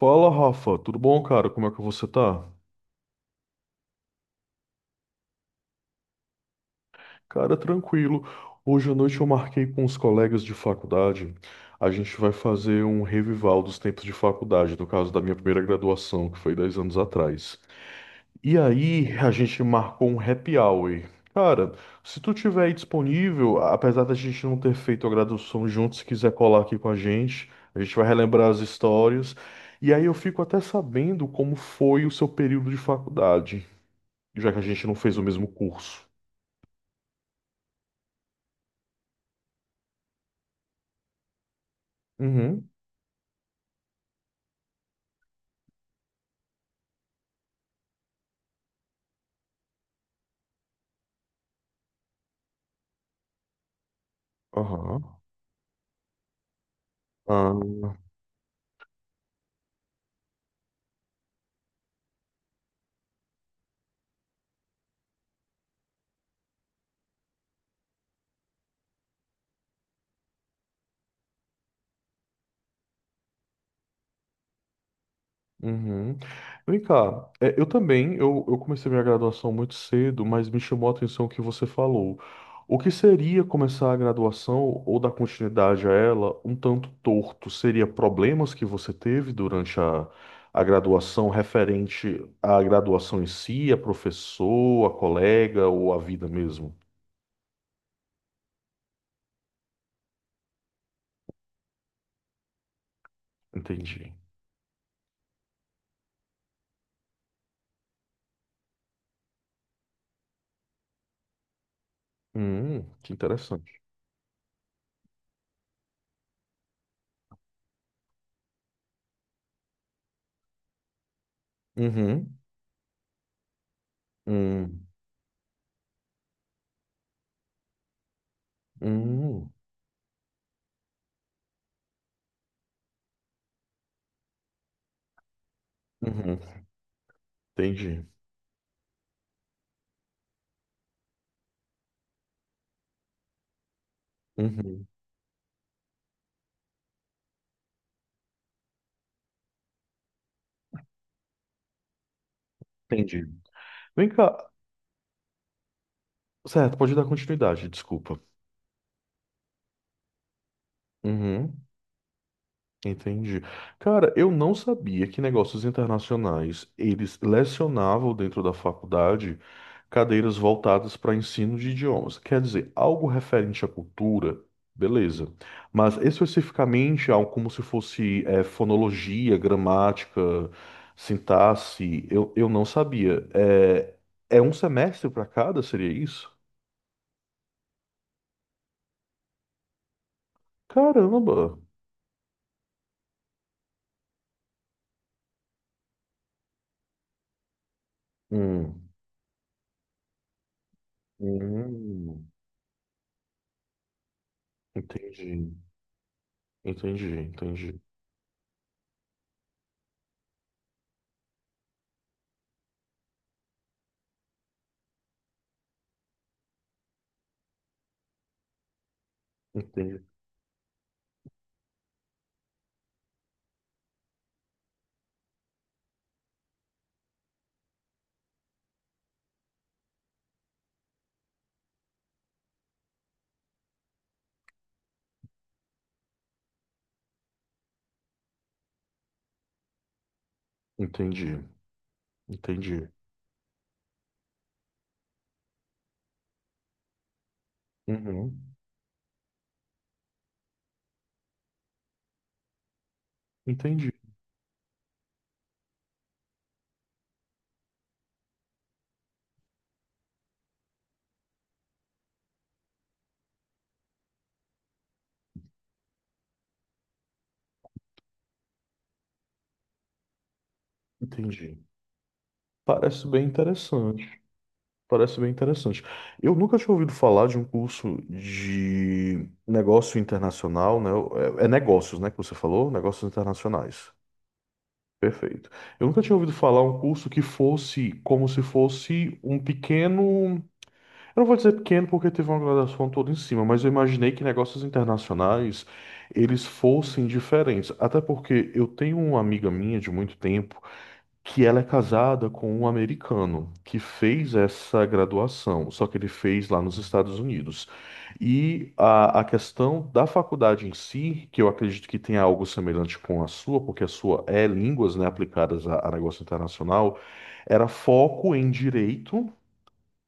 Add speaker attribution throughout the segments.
Speaker 1: Fala, Rafa, tudo bom, cara? Como é que você tá? Cara, tranquilo. Hoje à noite eu marquei com os colegas de faculdade. A gente vai fazer um revival dos tempos de faculdade, no caso da minha primeira graduação, que foi 10 anos atrás. E aí a gente marcou um happy hour. Cara, se tu tiver aí disponível, apesar da gente não ter feito a graduação junto, se quiser colar aqui com a gente vai relembrar as histórias. E aí eu fico até sabendo como foi o seu período de faculdade, já que a gente não fez o mesmo curso. Uhum. Aham. Ah, uhum. Vem cá, eu também, eu comecei minha graduação muito cedo, mas me chamou a atenção o que você falou. O que seria começar a graduação ou dar continuidade a ela um tanto torto? Seria problemas que você teve durante a graduação referente à graduação em si, a professor, a colega ou a vida mesmo? Entendi. Que interessante. Uhum. Hum. Hum, uhum, entendi. Uhum, entendi. Vem cá, certo, pode dar continuidade, desculpa. Uhum, entendi. Cara, eu não sabia que negócios internacionais eles lecionavam dentro da faculdade cadeiras voltadas para ensino de idiomas. Quer dizer, algo referente à cultura, beleza. Mas especificamente algo como se fosse fonologia, gramática, sintaxe, eu não sabia. É um semestre para cada, seria isso? Caramba! Hum. Hum. Entendi. Entendi, entendi. Entendi, entendi, entendi. Uhum, entendi, entendi. Parece bem interessante. Parece bem interessante. Eu nunca tinha ouvido falar de um curso de negócio internacional, né? É negócios, né, que você falou? Negócios internacionais. Perfeito. Eu nunca tinha ouvido falar um curso que fosse como se fosse um pequeno. Eu não vou dizer pequeno porque teve uma graduação toda em cima, mas eu imaginei que negócios internacionais eles fossem diferentes. Até porque eu tenho uma amiga minha de muito tempo que ela é casada com um americano que fez essa graduação, só que ele fez lá nos Estados Unidos. E a questão da faculdade em si, que eu acredito que tenha algo semelhante com a sua, porque a sua é línguas, né, aplicadas a negócio internacional, era foco em direito,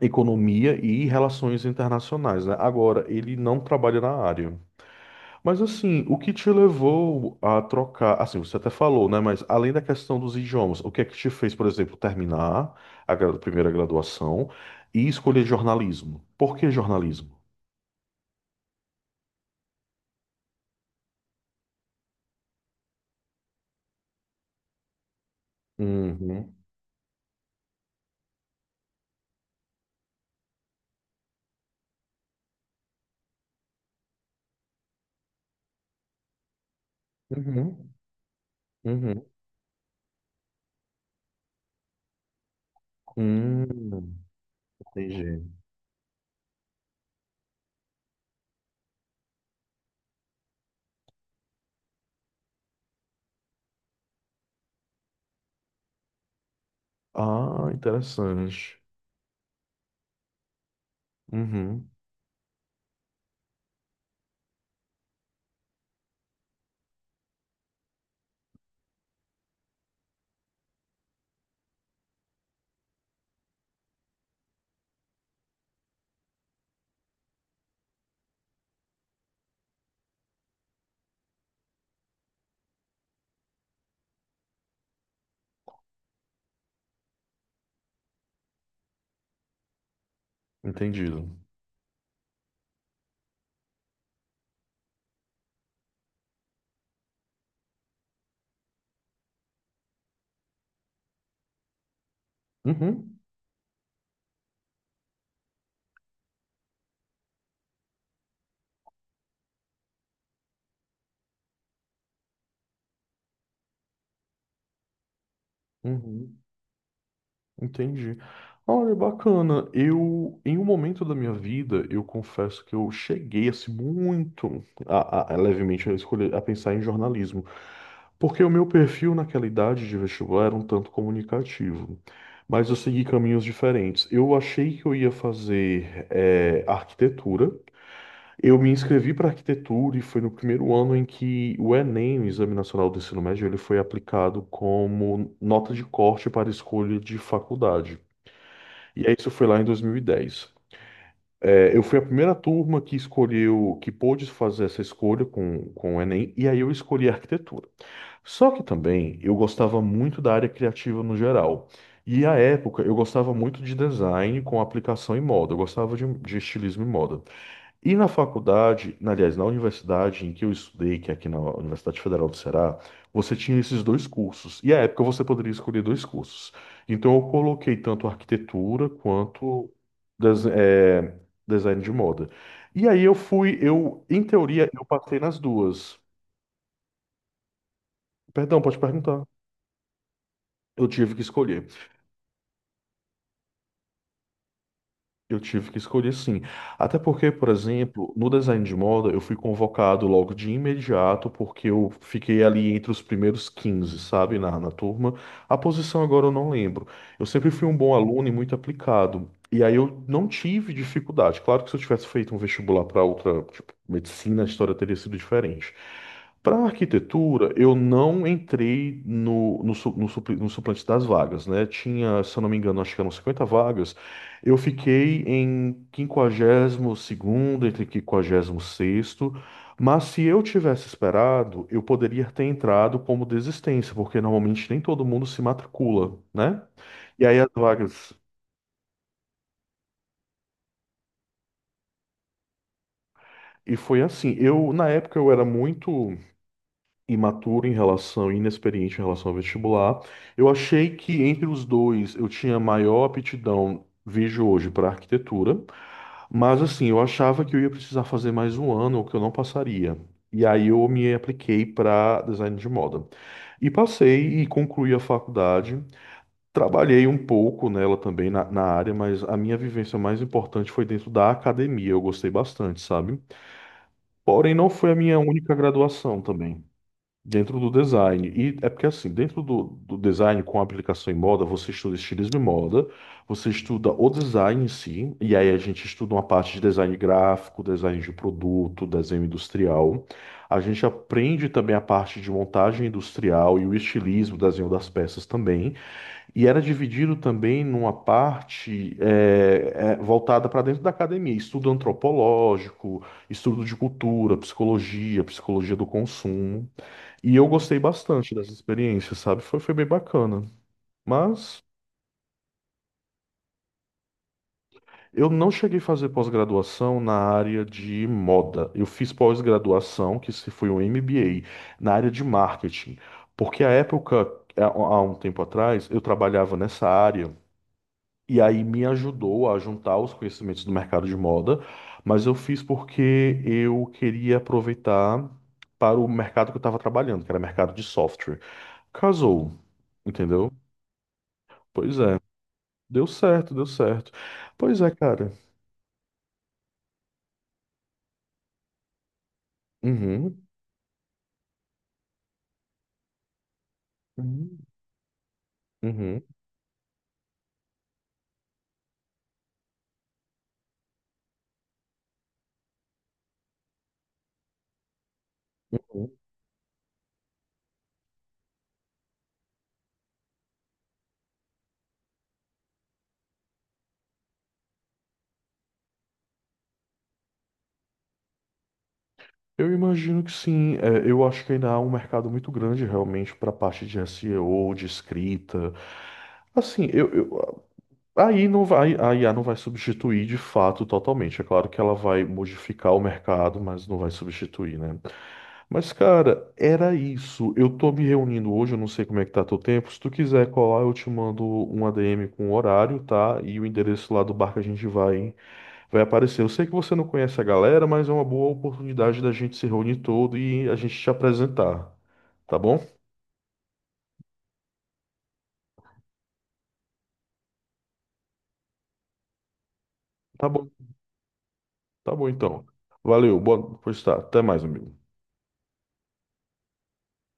Speaker 1: economia e relações internacionais, né? Agora, ele não trabalha na área. Mas assim, o que te levou a trocar? Assim, você até falou, né? Mas além da questão dos idiomas, o que é que te fez, por exemplo, terminar a primeira graduação e escolher jornalismo? Por que jornalismo? Uhum, uhum, uhum. Hum, entendi. Ah, interessante. Uhum, entendido. Uhum, uhum. Entendi. Olha, bacana. Eu, em um momento da minha vida, eu confesso que eu cheguei assim muito a levemente a escolher, a pensar em jornalismo, porque o meu perfil naquela idade de vestibular era um tanto comunicativo, mas eu segui caminhos diferentes. Eu achei que eu ia fazer arquitetura. Eu me inscrevi para arquitetura e foi no primeiro ano em que o Enem, o Exame Nacional do Ensino Médio, ele foi aplicado como nota de corte para escolha de faculdade. E aí isso foi lá em 2010. É, eu fui a primeira turma que escolheu, que pôde fazer essa escolha com o Enem, e aí eu escolhi arquitetura. Só que também eu gostava muito da área criativa no geral. E à época eu gostava muito de design com aplicação em moda, eu gostava de estilismo em moda. E na faculdade, aliás, na universidade em que eu estudei, que é aqui na Universidade Federal do Ceará, você tinha esses dois cursos. E à época você poderia escolher dois cursos. Então eu coloquei tanto arquitetura quanto des- eh, design de moda. E aí eu fui, eu, em teoria, eu passei nas duas. Perdão, pode perguntar. Eu tive que escolher. Eu tive que escolher sim. Até porque, por exemplo, no design de moda, eu fui convocado logo de imediato, porque eu fiquei ali entre os primeiros 15, sabe, na turma. A posição agora eu não lembro. Eu sempre fui um bom aluno e muito aplicado. E aí eu não tive dificuldade. Claro que se eu tivesse feito um vestibular para outra, tipo, medicina, a história teria sido diferente. Para arquitetura, eu não entrei no suplente das vagas, né? Tinha, se eu não me engano, acho que eram 50 vagas. Eu fiquei em 52º entre 56º, mas se eu tivesse esperado, eu poderia ter entrado como desistência, porque normalmente nem todo mundo se matricula, né? E aí as vagas. E foi assim, eu na época eu era muito imaturo em relação, inexperiente em relação ao vestibular. Eu achei que entre os dois eu tinha maior aptidão, vejo hoje, para arquitetura, mas assim, eu achava que eu ia precisar fazer mais um ano, ou que eu não passaria. E aí eu me apliquei para design de moda. E passei e concluí a faculdade. Trabalhei um pouco nela também, na área, mas a minha vivência mais importante foi dentro da academia. Eu gostei bastante, sabe? Porém, não foi a minha única graduação também. Dentro do design. E é porque, assim, dentro do design com aplicação em moda, você estuda estilismo e moda, você estuda o design em si, e aí a gente estuda uma parte de design gráfico, design de produto, desenho industrial. A gente aprende também a parte de montagem industrial e o estilismo, desenho das peças também. E era dividido também numa parte voltada para dentro da academia, estudo antropológico, estudo de cultura, psicologia, psicologia do consumo. E eu gostei bastante dessa experiência, sabe? Foi bem bacana. Mas eu não cheguei a fazer pós-graduação na área de moda. Eu fiz pós-graduação, que se foi um MBA, na área de marketing. Porque a época, há um tempo atrás, eu trabalhava nessa área. E aí me ajudou a juntar os conhecimentos do mercado de moda, mas eu fiz porque eu queria aproveitar para o mercado que eu estava trabalhando, que era mercado de software. Casou, entendeu? Pois é, deu certo, deu certo. Pois é, cara. Uhum, uhum, uhum, uhum. Eu imagino que sim. É, eu acho que ainda há um mercado muito grande realmente para a parte de SEO, de escrita. Assim, aí não vai, a IA não vai substituir de fato totalmente. É claro que ela vai modificar o mercado, mas não vai substituir, né? Mas, cara, era isso. Eu tô me reunindo hoje, eu não sei como é que tá teu tempo. Se tu quiser colar, eu te mando um ADM com o horário, tá? E o endereço lá do bar que a gente vai, vai aparecer. Eu sei que você não conhece a galera, mas é uma boa oportunidade da gente se reunir todo e a gente te apresentar. Tá bom? Tá bom. Tá bom, então. Valeu. Pois tá. Até mais, amigo.